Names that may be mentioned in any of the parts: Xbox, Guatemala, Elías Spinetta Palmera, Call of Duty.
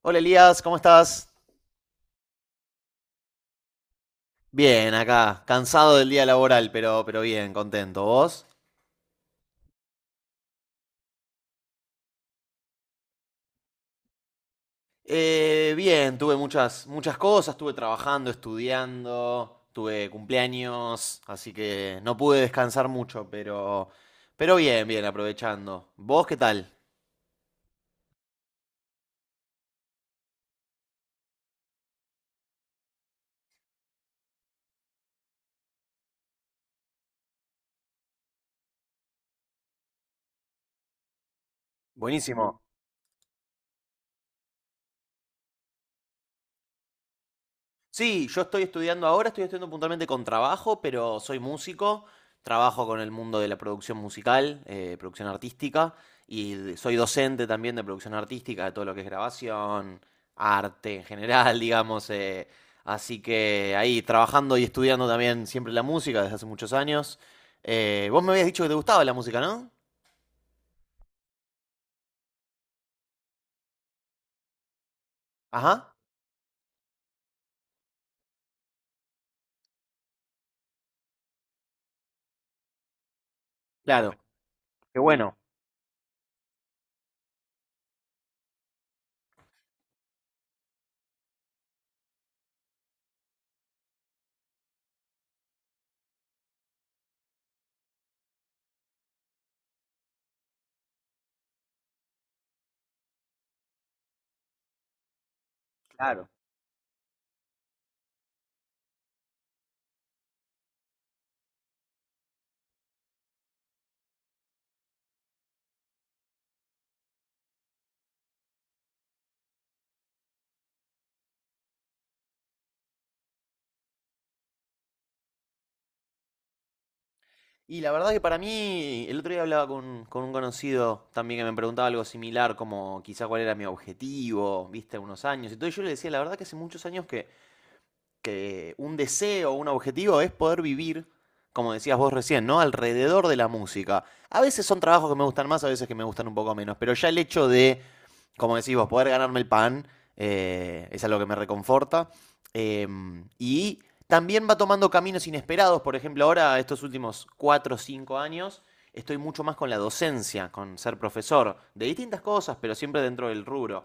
Hola Elías, ¿cómo estás? Bien, acá, cansado del día laboral, pero bien, contento. ¿Vos? Bien, tuve muchas cosas, estuve trabajando, estudiando, tuve cumpleaños, así que no pude descansar mucho, pero, pero bien, aprovechando. ¿Vos qué tal? Buenísimo. Sí, yo estoy estudiando ahora, estoy estudiando puntualmente con trabajo, pero soy músico, trabajo con el mundo de la producción musical, producción artística, soy docente también de producción artística, de todo lo que es grabación, arte en general, digamos. Así que ahí trabajando y estudiando también siempre la música desde hace muchos años. Vos me habías dicho que te gustaba la música, ¿no? Ajá, claro, qué bueno, claro. Y la verdad que para mí, el otro día hablaba con un conocido también que me preguntaba algo similar, como quizá cuál era mi objetivo, viste, unos años y todo. Y yo le decía, la verdad que hace muchos años que un deseo, un objetivo es poder vivir, como decías vos recién, ¿no? Alrededor de la música. A veces son trabajos que me gustan más, a veces que me gustan un poco menos, pero ya el hecho de como decís vos, poder ganarme el pan, es algo que me reconforta. Eh, y también va tomando caminos inesperados. Por ejemplo, ahora, estos últimos 4 o 5 años, estoy mucho más con la docencia, con ser profesor, de distintas cosas, pero siempre dentro del rubro.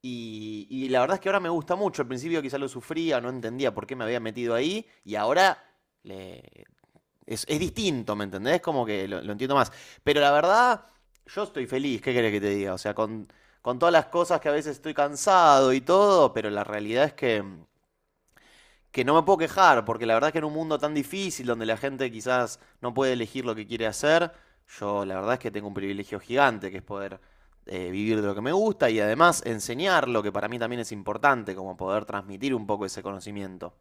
Y la verdad es que ahora me gusta mucho. Al principio quizá lo sufría, no entendía por qué me había metido ahí. Y ahora le, es distinto, ¿me entendés? Como que lo entiendo más. Pero la verdad, yo estoy feliz, ¿qué querés que te diga? O sea, con todas las cosas que a veces estoy cansado y todo, pero la realidad es que no me puedo quejar, porque la verdad es que en un mundo tan difícil donde la gente quizás no puede elegir lo que quiere hacer, yo la verdad es que tengo un privilegio gigante que es poder vivir de lo que me gusta y además enseñar lo que para mí también es importante, como poder transmitir un poco ese conocimiento.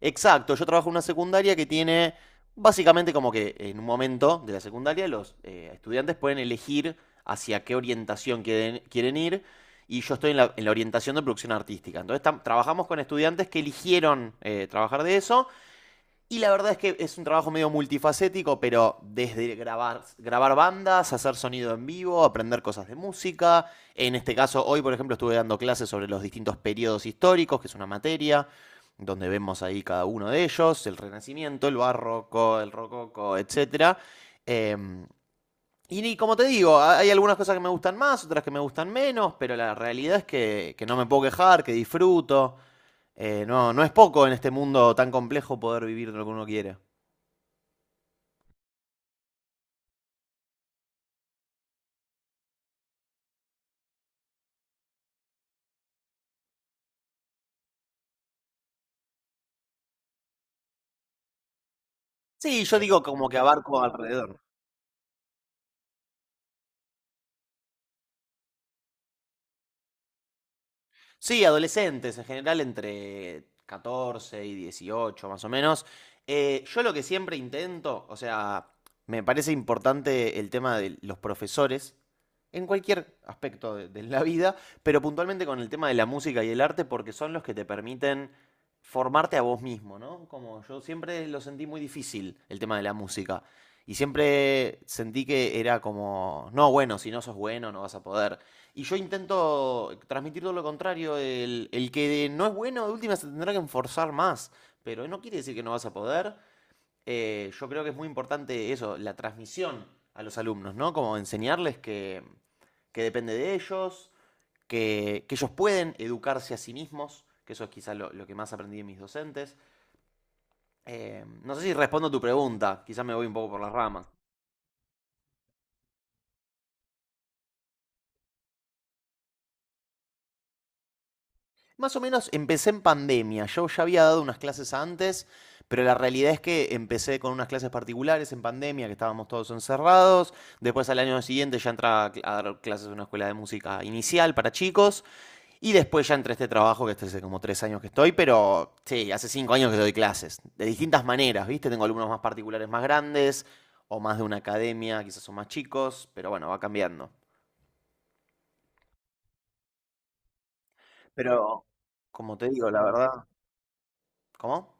Exacto, yo trabajo en una secundaria que tiene básicamente como que en un momento de la secundaria los estudiantes pueden elegir hacia qué orientación quieren ir y yo estoy en la orientación de producción artística. Trabajamos con estudiantes que eligieron trabajar de eso y la verdad es que es un trabajo medio multifacético, pero desde grabar, grabar bandas, hacer sonido en vivo, aprender cosas de música. En este caso, hoy, por ejemplo, estuve dando clases sobre los distintos periodos históricos, que es una materia, donde vemos ahí cada uno de ellos, el Renacimiento, el Barroco, el Rococo, etc. Como te digo, hay algunas cosas que me gustan más, otras que me gustan menos, pero la realidad es que no me puedo quejar, que disfruto. No es poco en este mundo tan complejo poder vivir de lo que uno quiere. Sí, yo digo como que abarco alrededor. Sí, adolescentes, en general entre 14 y 18 más o menos. Yo lo que siempre intento, o sea, me parece importante el tema de los profesores en cualquier aspecto de la vida, pero puntualmente con el tema de la música y el arte porque son los que te permiten formarte a vos mismo, ¿no? Como yo siempre lo sentí muy difícil el tema de la música. Y siempre sentí que era como, no, bueno, si no sos bueno, no vas a poder. Y yo intento transmitir todo lo contrario, el que no es bueno de última se tendrá que enforzar más, pero no quiere decir que no vas a poder. Yo creo que es muy importante eso, la transmisión a los alumnos, ¿no? Como enseñarles que depende de ellos, que ellos pueden educarse a sí mismos, que eso es quizá lo que más aprendí de mis docentes. No sé si respondo a tu pregunta, quizá me voy un poco por las ramas. Más o menos empecé en pandemia. Yo ya había dado unas clases antes, pero la realidad es que empecé con unas clases particulares en pandemia, que estábamos todos encerrados. Después al año siguiente ya entraba a dar clases en una escuela de música inicial para chicos. Y después ya entré a este trabajo, que este hace como tres años que estoy, pero sí, hace cinco años que doy clases. De distintas maneras, ¿viste? Tengo alumnos más particulares más grandes, o más de una academia, quizás son más chicos, pero bueno, va cambiando. Pero, como te digo, la verdad, ¿cómo?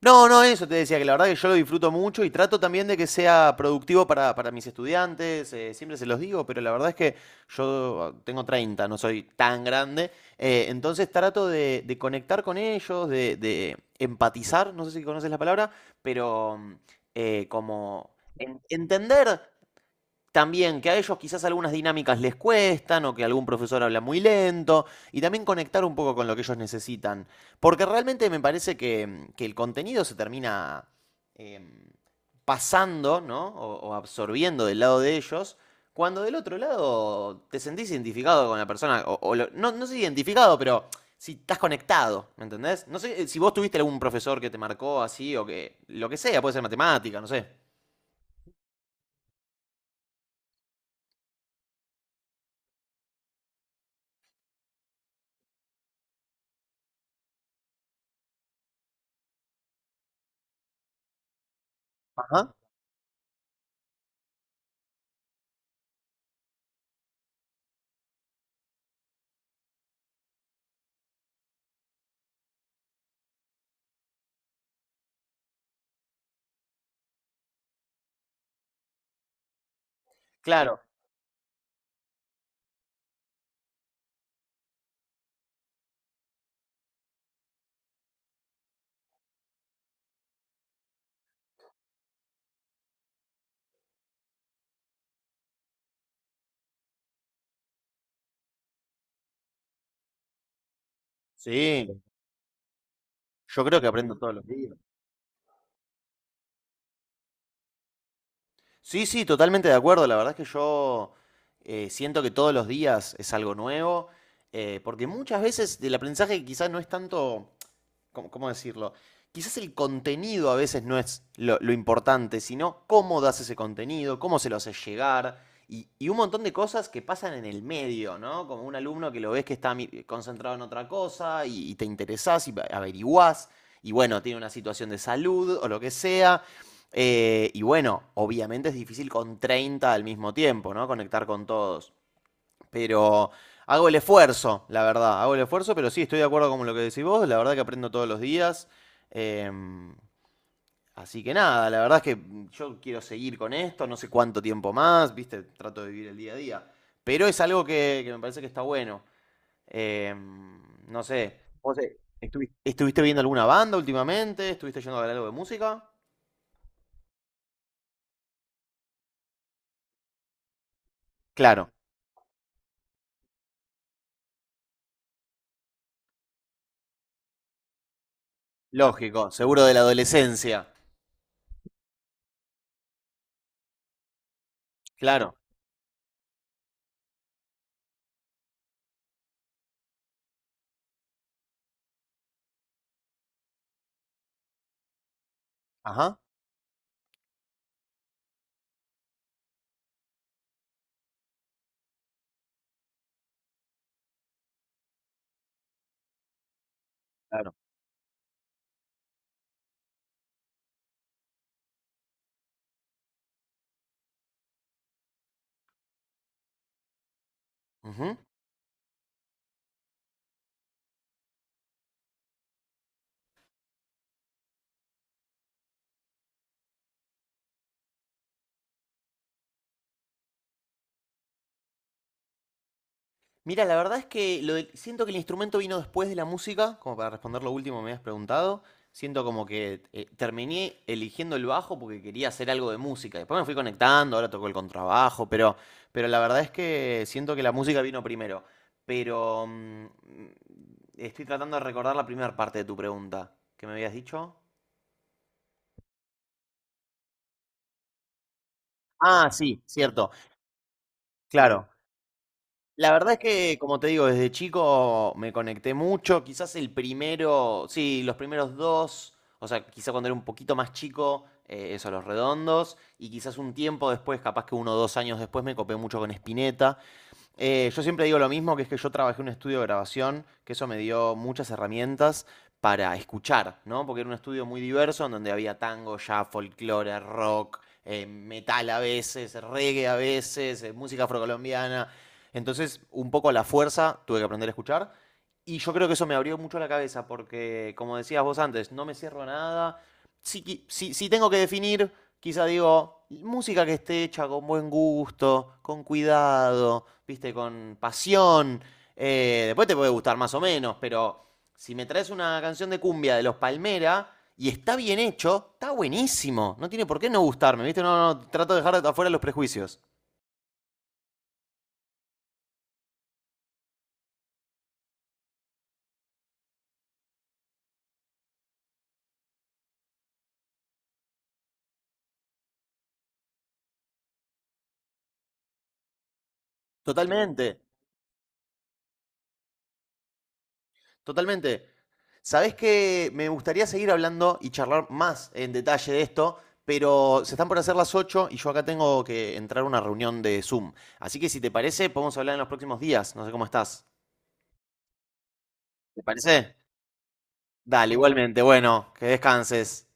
No, no, eso te decía, que la verdad que yo lo disfruto mucho y trato también de que sea productivo para mis estudiantes, siempre se los digo, pero la verdad es que yo tengo treinta, no soy tan grande, entonces trato de conectar con ellos, de empatizar, no sé si conoces la palabra, pero como entender también que a ellos quizás algunas dinámicas les cuestan o que algún profesor habla muy lento y también conectar un poco con lo que ellos necesitan. Porque realmente me parece que el contenido se termina em, pasando ¿no? O absorbiendo del lado de ellos. Cuando del otro lado te sentís identificado con la persona, o lo- no, no sé si identificado, pero si estás conectado, ¿me entendés? No sé si vos tuviste algún profesor que te marcó así o que, lo que sea, puede ser matemática, no sé. Ajá. Claro. Sí. Yo creo que aprendo todos los días. Sí, sí, totalmente de acuerdo. La verdad es que yo siento que todos los días es algo nuevo, porque muchas veces el aprendizaje quizás no es tanto ¿cómo decirlo? Quizás el contenido a veces no es lo importante, sino cómo das ese contenido, cómo se lo haces llegar. Y un montón de cosas que pasan en el medio, ¿no? Como un alumno que lo ves que está concentrado en otra cosa y te interesás y averiguás y bueno, tiene una situación de salud o lo que sea. Y bueno, obviamente es difícil con 30 al mismo tiempo, ¿no? Conectar con todos. Pero hago el esfuerzo, la verdad. Hago el esfuerzo, pero sí, estoy de acuerdo con lo que decís vos. La verdad que aprendo todos los días. Em, Así que nada, la verdad es que yo quiero seguir con esto, no sé cuánto tiempo más, viste, trato de vivir el día a día. Pero es algo que me parece que está bueno. Em, no sé, vos, ¿estuviste viendo alguna banda últimamente? ¿Estuviste yendo a ver algo de música? Claro, lógico, seguro de la adolescencia. Claro, ajá, claro. Ujú. Mira, la verdad es que siento que el instrumento vino después de la música, como para responder lo último que me habías preguntado. Siento como que terminé eligiendo el bajo porque quería hacer algo de música. Después me fui conectando, ahora toco el contrabajo, pero la verdad es que siento que la música vino primero. Pero estoy tratando de recordar la primera parte de tu pregunta. ¿Qué me habías dicho? Ah, sí, cierto, claro. La verdad es que, como te digo, desde chico me conecté mucho. Quizás el primero, sí, los primeros dos, o sea, quizás cuando era un poquito más chico, eso, los redondos, y quizás un tiempo después, capaz que uno o dos años después, me copé mucho con Spinetta. Yo siempre digo lo mismo, que es que yo trabajé en un estudio de grabación, que eso me dio muchas herramientas para escuchar, ¿no? Porque era un estudio muy diverso, en donde había tango, jazz, folclore, rock, metal a veces, reggae a veces, música afrocolombiana. Entonces, un poco a la fuerza tuve que aprender a escuchar. Y yo creo que eso me abrió mucho la cabeza, porque, como decías vos antes, no me cierro a nada. Si tengo que definir, quizá digo, música que esté hecha con buen gusto, con cuidado, viste, con pasión. Después te puede gustar más o menos, pero si me traes una canción de cumbia de los Palmera y está bien hecho, está buenísimo. No tiene por qué no gustarme, viste. No, no, trato de dejar afuera los prejuicios. Totalmente. Totalmente. Sabés que me gustaría seguir hablando y charlar más en detalle de esto, pero se están por hacer las 8 y yo acá tengo que entrar a una reunión de Zoom. Así que si te parece, podemos hablar en los próximos días. No sé cómo estás. ¿Te parece? Dale, igualmente. Bueno, que descanses.